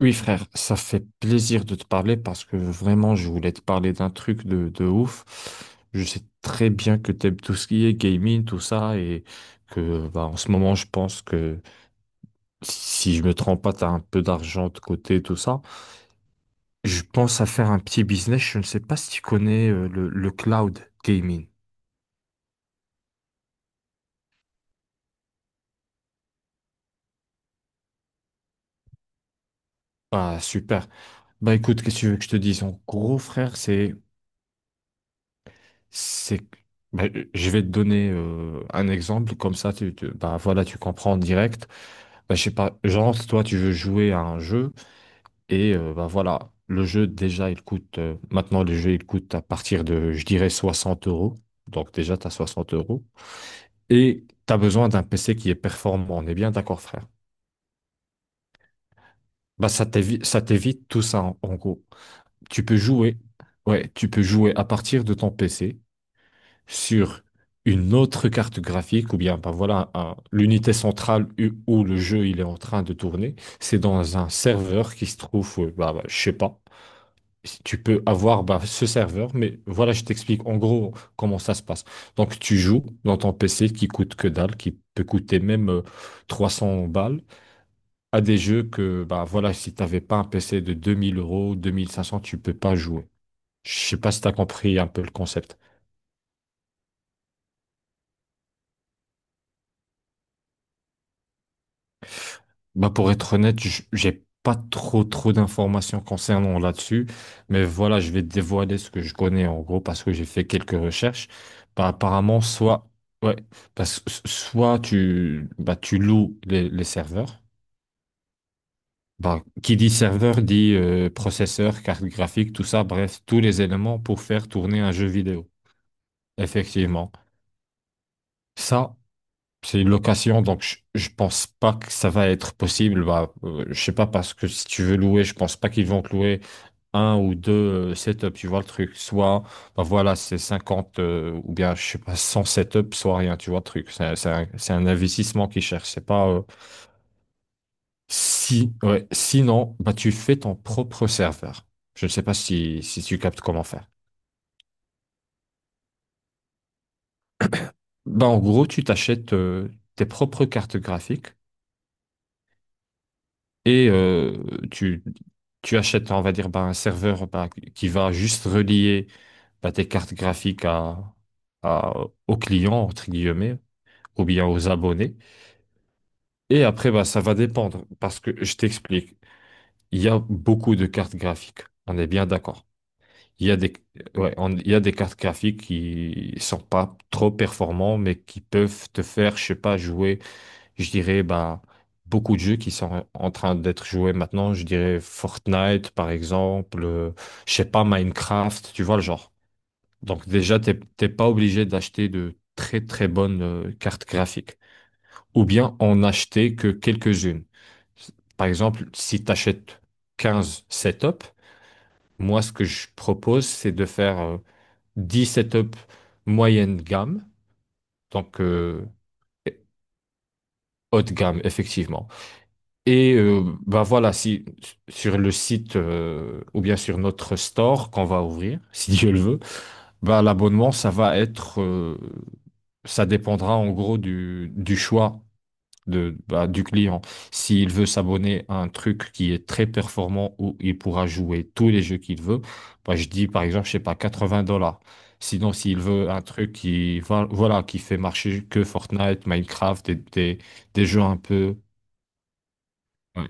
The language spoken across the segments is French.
Oui, frère, ça fait plaisir de te parler parce que vraiment, je voulais te parler d'un truc de ouf. Je sais très bien que t'aimes tout ce qui est gaming, tout ça, et que bah, en ce moment, je pense que si je me trompe pas, t'as un peu d'argent de côté, tout ça. Je pense à faire un petit business. Je ne sais pas si tu connais le cloud gaming. Ah, super. Bah écoute, qu'est-ce que tu veux que je te dise? En gros, frère, C'est, ben, je vais te donner un exemple, comme ça bah, voilà, tu comprends en direct. Ben, je sais pas, genre, toi tu veux jouer à un jeu et bah, voilà, le jeu déjà il coûte, maintenant le jeu il coûte à partir de, je dirais, 60 euros. Donc déjà tu as 60 euros. Et tu as besoin d'un PC qui est performant, on est bien d'accord frère. Bah, ça t'évite tout ça en gros. Tu peux jouer, ouais, tu peux jouer à partir de ton PC sur une autre carte graphique, ou bien ben voilà, l'unité centrale où le jeu il est en train de tourner, c'est dans un serveur qui se trouve, je sais pas. Si tu peux avoir bah, ce serveur, mais voilà, je t'explique en gros comment ça se passe. Donc tu joues dans ton PC qui coûte que dalle, qui peut coûter même 300 balles, à des jeux que bah voilà, si t'avais pas un PC de 2000 euros, 2500, tu peux pas jouer. Je sais pas si tu as compris un peu le concept. Bah pour être honnête, j'ai pas trop trop d'informations concernant là-dessus, mais voilà, je vais dévoiler ce que je connais en gros parce que j'ai fait quelques recherches. Bah, apparemment, soit ouais, parce que soit tu bah tu loues les serveurs. Bah, qui dit serveur dit processeur, carte graphique, tout ça, bref, tous les éléments pour faire tourner un jeu vidéo. Effectivement. Ça, c'est une location, donc je pense pas que ça va être possible. Bah, je sais pas parce que si tu veux louer, je pense pas qu'ils vont te louer un ou deux setups. Tu vois le truc, soit bah voilà, c'est 50 ou bien je sais pas 100 setups, soit rien. Tu vois le truc. C'est un, c'est un investissement qu'ils cherchent. C'est pas si ouais. Sinon, bah tu fais ton propre serveur. Je ne sais pas si tu captes comment faire. Bah en gros, tu t'achètes tes propres cartes graphiques. et euh, tu, tu achètes, on va dire, bah, un serveur bah, qui va juste relier bah, tes cartes graphiques aux clients, entre guillemets, ou bien aux abonnés. Et après, bah, ça va dépendre, parce que je t'explique, il y a beaucoup de cartes graphiques, on est bien d'accord. Il y a des, ouais, il y a des cartes graphiques qui sont pas trop performantes, mais qui peuvent te faire, je sais pas, jouer. Je dirais ben, beaucoup de jeux qui sont en train d'être joués maintenant. Je dirais Fortnite, par exemple, je sais pas, Minecraft, tu vois le genre. Donc déjà, t'es pas obligé d'acheter de très très bonnes cartes graphiques. Ou bien en acheter que quelques-unes. Par exemple, si tu achètes 15 setups, moi, ce que je propose, c'est de faire 10 setups moyenne gamme, donc haute gamme, effectivement. Et bah voilà, si sur le site ou bien sur notre store qu'on va ouvrir, si Dieu le veut, bah l'abonnement, ça dépendra en gros du choix de, bah, du client. S'il veut s'abonner à un truc qui est très performant où il pourra jouer tous les jeux qu'il veut, bah je dis par exemple, je sais pas, 80 dollars. Sinon, s'il veut un truc qui, voilà, qui fait marcher que Fortnite, Minecraft, des jeux un peu. euh,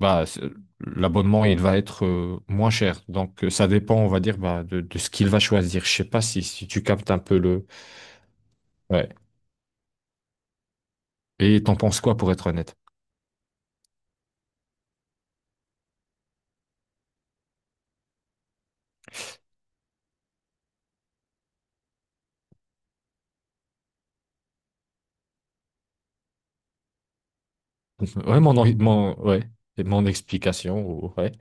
bah, c'est- l'abonnement, il va être moins cher. Donc, ça dépend, on va dire, bah, de ce qu'il va choisir. Je sais pas si tu captes un peu le... Ouais. Et t'en penses quoi, pour être honnête? Ouais, mon, ouais, c'est mon explication, ouais.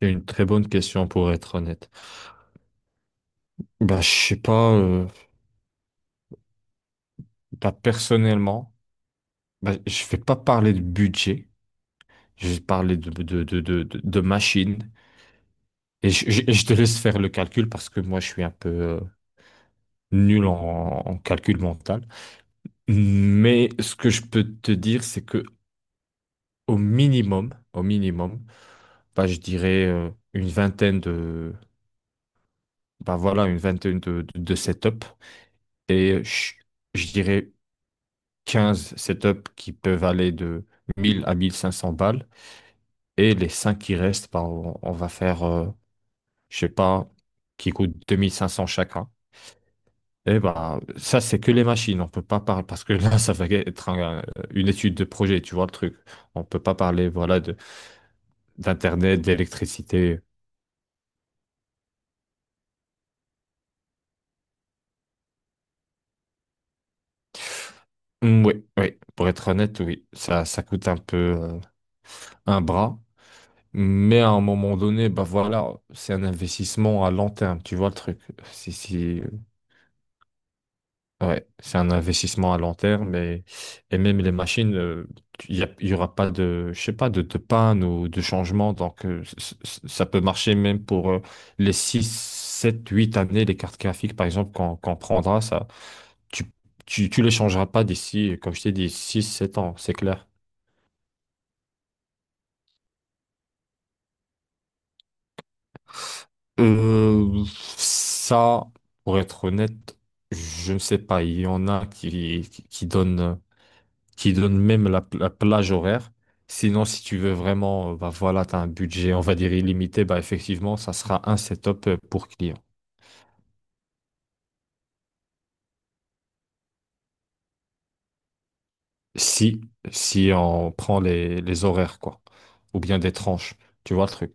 C'est une très bonne question, pour être honnête. Bah, je sais pas, bah, personnellement, bah, je vais pas parler de budget. Je vais parler de machine. Et je te laisse faire le calcul parce que moi, je suis un peu nul en calcul mental. Mais ce que je peux te dire, c'est que au minimum, bah, je dirais une vingtaine de, bah voilà, une vingtaine de setups et je dirais 15 setups qui peuvent aller de 1000 à 1500 balles et les 5 qui restent, bah, on va faire, je sais pas, qui coûtent 2500 chacun. Et bah ça, c'est que les machines, on peut pas parler parce que là, ça va être une étude de projet, tu vois le truc. On peut pas parler, voilà, d'Internet, d'électricité. Mm, oui, oui, pour être honnête, oui, ça coûte un peu un bras. Mais à un moment donné, bah voilà, c'est un investissement à long terme, tu vois le truc. Si, si, ouais, c'est un investissement à long terme et même les machines, il y aura pas de, je sais pas, de panne ou de changement. Donc, ça peut marcher même pour les 6, 7, 8 années, les cartes graphiques, par exemple, qu'on prendra, ça. Tu, tu les changeras pas d'ici, comme je t'ai dit, six sept ans, c'est clair. Euh, Ça, pour être honnête, je ne sais pas. Il y en a qui donnent même la plage horaire. Sinon, si tu veux vraiment, bah voilà, tu as un budget, on va dire illimité, bah effectivement, ça sera un setup pour client. Si, si on prend les horaires, quoi. Ou bien des tranches. Tu vois le truc.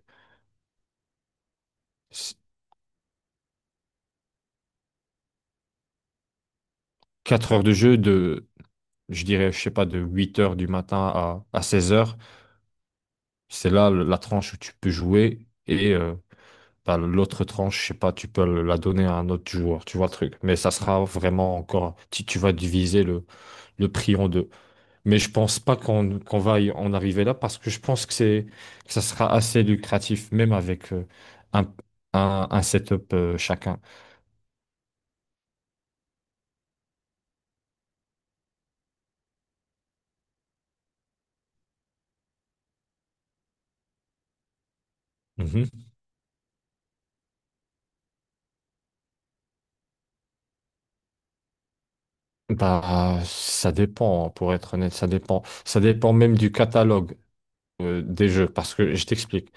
4 heures de jeu de je dirais, je sais pas, de 8 heures du matin à 16 heures. C'est là la tranche où tu peux jouer et bah, l'autre tranche, je sais pas, tu peux la donner à un autre joueur, tu vois le truc. Mais ça sera vraiment encore, tu vas diviser le prix en deux. Mais je pense pas qu'on va y en arriver là parce que je pense que que ça sera assez lucratif, même avec un, un setup chacun. Mhm. Bah, ça dépend, pour être honnête, ça dépend. Ça dépend même du catalogue, des jeux. Parce que je t'explique,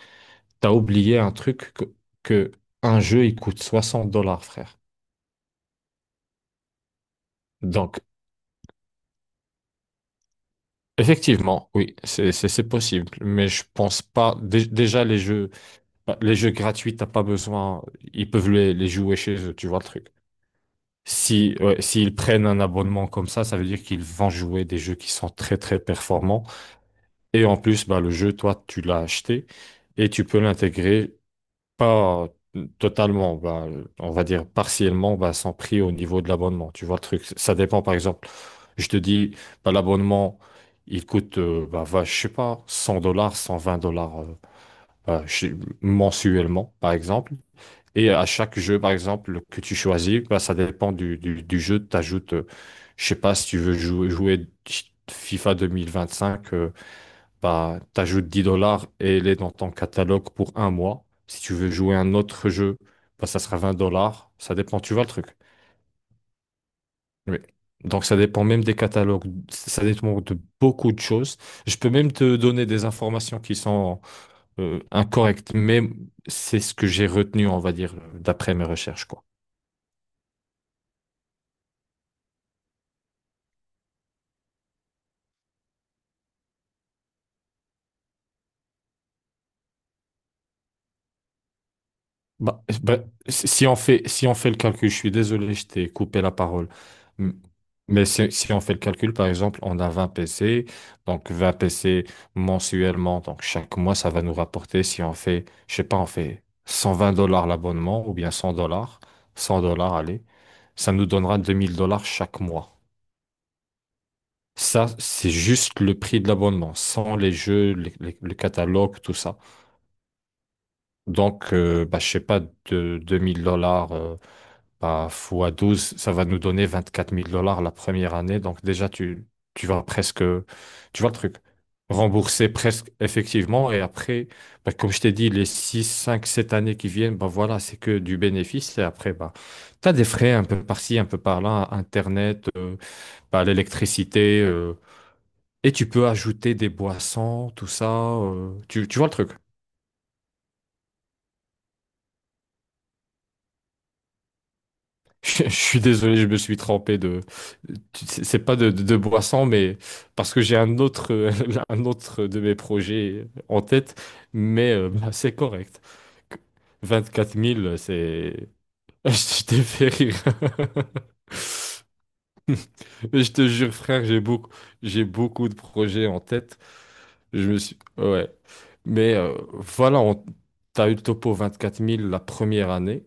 t'as oublié un truc que un jeu, il coûte 60 dollars, frère. Donc, effectivement, oui, c'est possible. Mais je pense pas. Déjà, les jeux, bah, les jeux gratuits, t'as pas besoin. Ils peuvent les jouer chez eux, tu vois le truc. Si, ouais, s'ils prennent un abonnement comme ça veut dire qu'ils vont jouer des jeux qui sont très très performants. Et en plus, bah, le jeu, toi, tu l'as acheté et tu peux l'intégrer pas totalement, bah, on va dire partiellement, bah, sans prix au niveau de l'abonnement. Tu vois le truc, ça dépend par exemple. Je te dis, bah, l'abonnement, il coûte, bah, va, je sais pas, 100 dollars, 120 dollars mensuellement, par exemple. Et à chaque jeu, par exemple, que tu choisis, bah, ça dépend du jeu. Tu ajoutes, je sais pas, si tu veux jouer FIFA 2025, bah, t'ajoutes 10 dollars et elle est dans ton catalogue pour un mois. Si tu veux jouer un autre jeu, bah, ça sera 20 dollars. Ça dépend, tu vois le truc. Oui. Donc, ça dépend même des catalogues. Ça dépend de beaucoup de choses. Je peux même te donner des informations qui sont incorrectes, mais c'est ce que j'ai retenu, on va dire, d'après mes recherches, quoi. Bah, si on fait le calcul, je suis désolé, je t'ai coupé la parole. M- Mais si on fait le calcul, par exemple, on a 20 PC, donc 20 PC mensuellement, donc chaque mois, ça va nous rapporter, si on fait, je sais pas, on fait 120 dollars l'abonnement ou bien 100 dollars, 100 dollars, allez, ça nous donnera 2000 dollars chaque mois. Ça, c'est juste le prix de l'abonnement, sans les jeux, le catalogue, tout ça. Donc, bah, je sais pas, de 2000 dollars. Bah, fois 12, ça va nous donner 24000 dollars la première année. Donc déjà, tu vas presque, tu vois le truc, rembourser presque effectivement. Et après, bah, comme je t'ai dit, les 6, 5, 7 années qui viennent, bah, voilà, c'est que du bénéfice. Et après, bah, tu as des frais un peu par-ci, un peu par-là, Internet, bah, l'électricité. Et tu peux ajouter des boissons, tout ça. Tu vois le truc. Je suis désolé, je me suis trompé de. C'est pas de boisson, mais parce que j'ai un autre, un autre de mes projets en tête, mais bah, c'est correct. Vingt-quatre mille, c'est. Je t'ai fait rire. Mais je te jure, frère, j'ai beaucoup de projets en tête. Je me suis. Ouais. Mais voilà, on... t'as eu le topo 24000 la première année.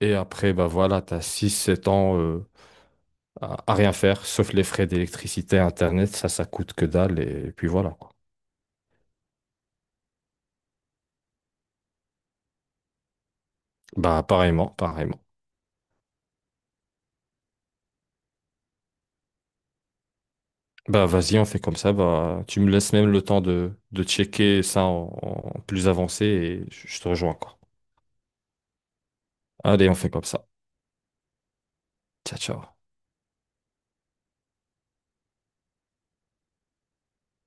Et après, bah voilà, t'as six, sept ans. À rien faire, sauf les frais d'électricité, internet, ça coûte que dalle, et puis voilà, quoi. Bah, pareillement, pareillement. Bah, vas-y, on fait comme ça, bah, tu me laisses même le temps de checker ça en plus avancé, et je te rejoins, quoi. Allez, on fait comme ça. Ciao, ciao.